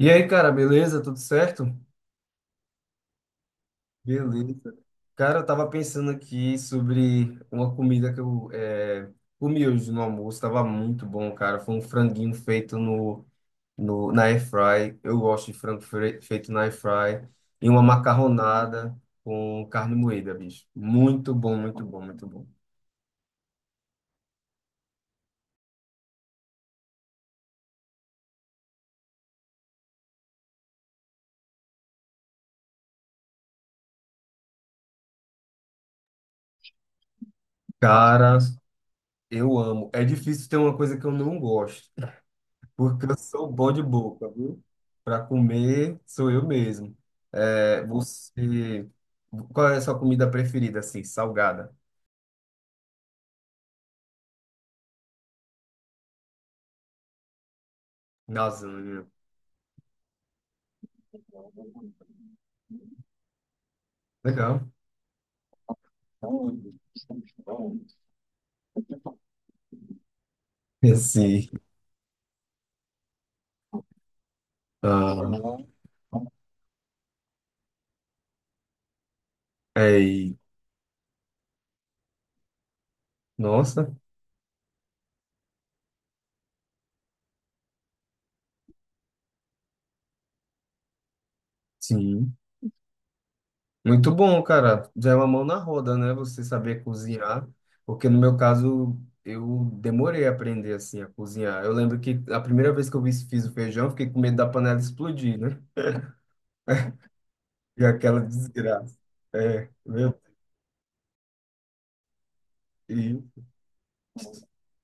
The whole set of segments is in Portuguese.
E aí, cara, beleza? Tudo certo? Beleza. Cara, eu tava pensando aqui sobre uma comida que comi hoje no almoço. Tava muito bom, cara. Foi um franguinho feito no, no, na air fry. Eu gosto de feito na air fry. E uma macarronada com carne moída, bicho. Muito bom, muito bom, muito bom. Cara, eu amo. É difícil ter uma coisa que eu não gosto, porque eu sou bom de boca, viu? Para comer, sou eu mesmo. É, você, Qual é a sua comida preferida, assim, salgada? Lasanha. Legal. Sim. Ah, ei, nossa, sim. Muito bom, cara. Já é uma mão na roda, né? Você saber cozinhar. Porque no meu caso, eu demorei a aprender, assim, a cozinhar. Eu lembro que a primeira vez que eu fiz o feijão, eu fiquei com medo da panela explodir, né? E aquela desgraça. É, meu, e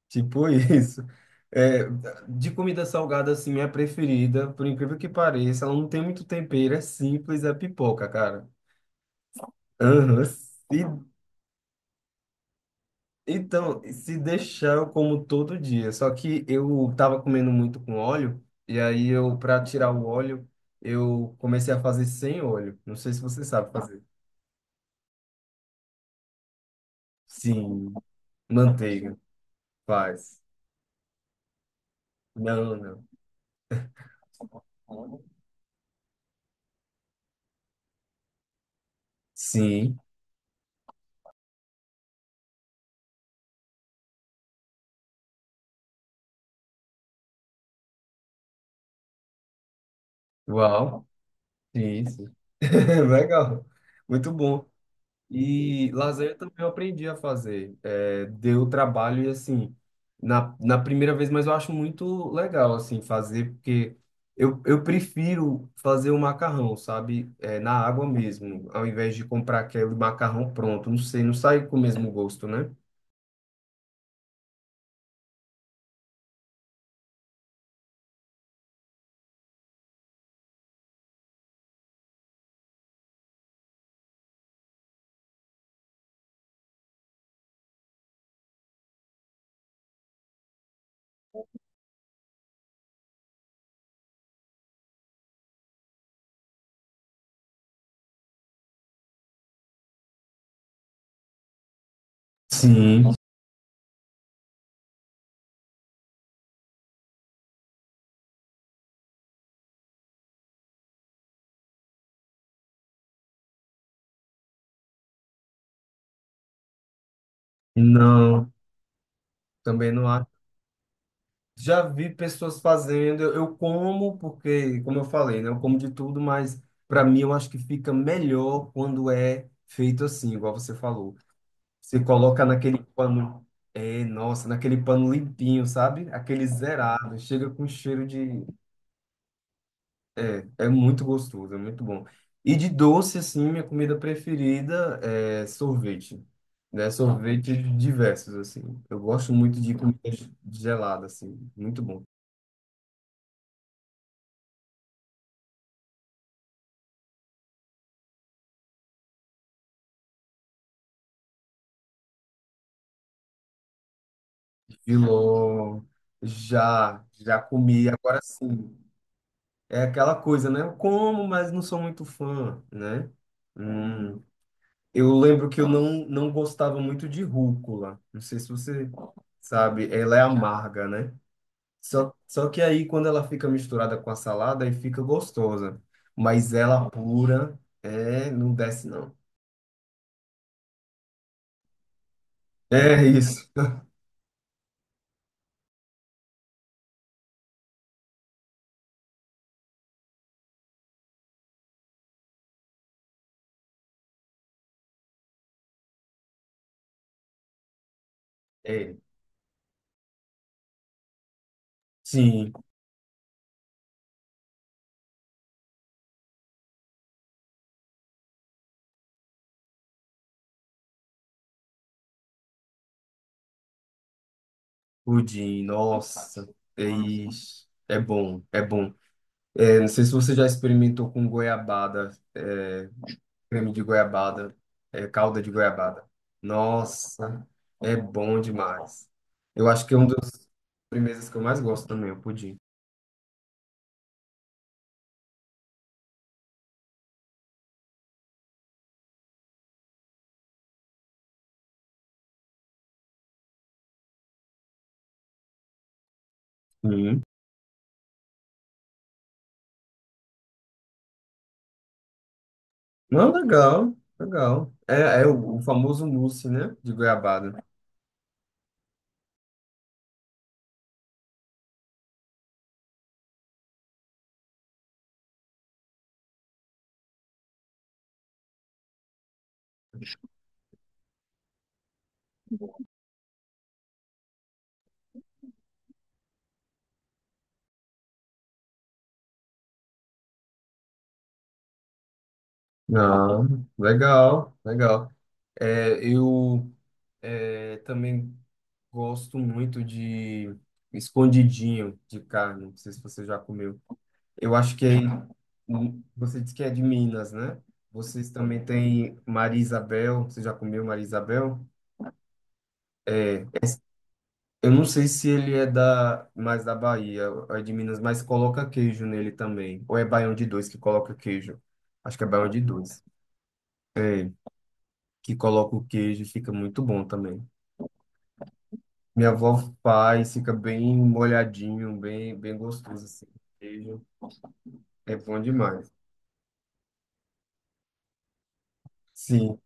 tipo isso. É, de comida salgada, assim, minha preferida, por incrível que pareça, ela não tem muito tempero, é simples, é pipoca, cara. Aham. E- então, se deixar, eu como todo dia. Só que eu tava comendo muito com óleo, e aí eu, pra tirar o óleo, eu comecei a fazer sem óleo. Não sei se você sabe fazer. Sim, manteiga, faz. Não, não. Sim, uau. Sim, sim. Legal. Muito bom. E lasanha também eu aprendi a fazer. É, deu trabalho e assim, na, na primeira vez, mas eu acho muito legal assim fazer, porque eu prefiro fazer o macarrão, sabe? É, na água mesmo, ao invés de comprar aquele macarrão pronto. Não sei, não sai com o mesmo gosto, né? Sim. Não, também não acho. Já vi pessoas fazendo, eu como, porque, como eu falei, né? Eu como de tudo, mas para mim eu acho que fica melhor quando é feito assim, igual você falou. Você coloca naquele pano, é, nossa, naquele pano limpinho, sabe? Aquele zerado, chega com cheiro de. É, é muito gostoso, é muito bom. E de doce, assim, minha comida preferida é sorvete, né? Sorvete diversos, assim. Eu gosto muito de comida gelada, assim, muito bom. Filó, já, já comi. Agora sim, é aquela coisa, né? Eu como, mas não sou muito fã, né? Hum, eu lembro que eu não gostava muito de rúcula. Não sei se você sabe, ela é amarga, né? Só, só que aí, quando ela fica misturada com a salada, aí fica gostosa. Mas ela pura, é, não desce, não. É isso. É, sim, pudim, nossa, é isso. É bom, é bom. Eu não sei se você já experimentou com goiabada, é, creme de goiabada, é, calda de goiabada. Nossa, é bom demais. Eu acho que é uma das sobremesas que eu mais gosto também, o pudim. Uhum. Não, legal, legal. É, é o famoso mousse, né, de goiabada. Não, legal, legal. É, eu também gosto muito de escondidinho de carne. Não sei se você já comeu. Eu acho que aí, você disse que é de Minas, né? Vocês também têm Maria Isabel. Você já comeu Maria Isabel? É, es- eu não sei se ele é da mais da Bahia, ou é de Minas, mas coloca queijo nele também. Ou é baião de dois que coloca queijo? Acho que é baião de dois que coloca o queijo, e fica muito bom também. Minha avó faz, fica bem molhadinho, bem gostoso assim. Queijo é bom demais. Sim.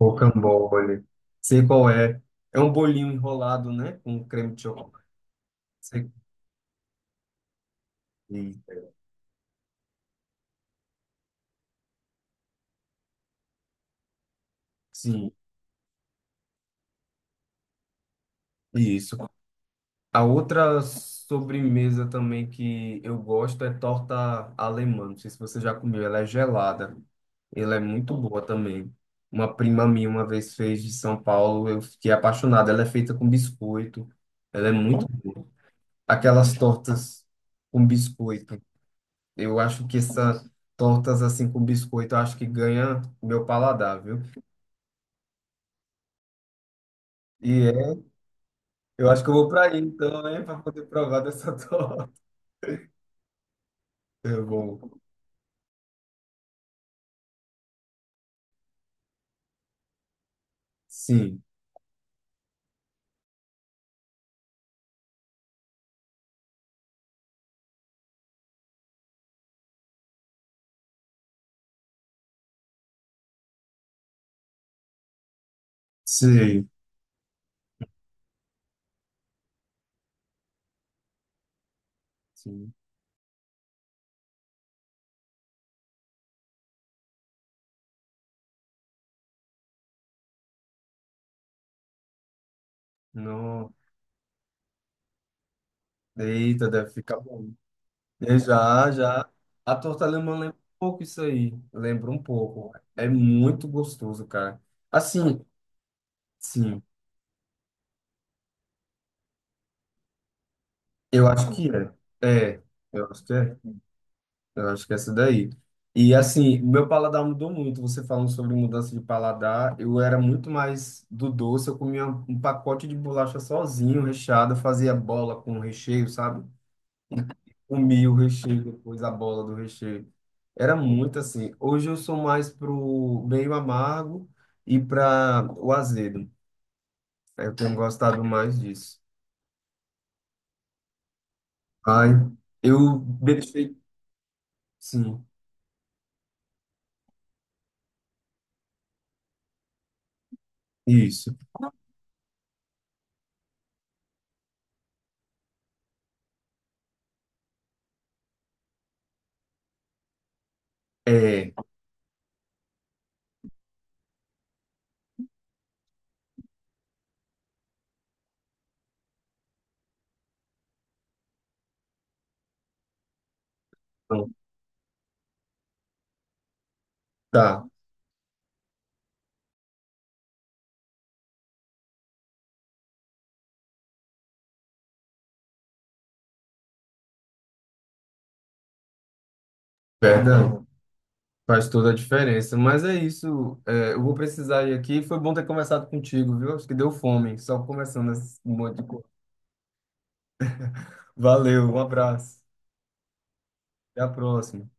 Rocambole. Sei qual é. É um bolinho enrolado, né? Com creme de chocolate. Sei- Eita. Sim, isso. A outra sobremesa também que eu gosto é torta alemã. Não sei se você já comeu. Ela é gelada. Ela é muito boa também. Uma prima minha uma vez fez de São Paulo. Eu fiquei apaixonado. Ela é feita com biscoito. Ela é muito... Aquelas tortas com biscoito. Eu acho que essas tortas assim com biscoito, eu acho que ganha o meu paladar, viu? E é, eu acho que eu vou para aí então, né, para poder provar dessa torta. É bom. Sim, sim, sim. Não, eita, deve ficar bom. E já, já. A torta alemã lembra um pouco isso aí. Lembra um pouco. É muito gostoso, cara. Assim, sim, eu acho que é. É, eu acho que é. Eu acho que é essa daí. E assim, meu paladar mudou muito. Você falando sobre mudança de paladar, eu era muito mais do doce. Eu comia um pacote de bolacha sozinho, recheado, eu fazia bola com recheio, sabe? Comia o recheio, depois a bola do recheio. Era muito assim. Hoje eu sou mais pro meio amargo e para o azedo. Eu tenho gostado mais disso. Ai, eu deixei. Sim, isso. É, então, tá, verdade. Faz toda a diferença. Mas é isso. É, eu vou precisar ir aqui. Foi bom ter conversado contigo, viu? Acho que deu fome, só conversando esse monte de coisa. Valeu, um abraço. Até a próxima.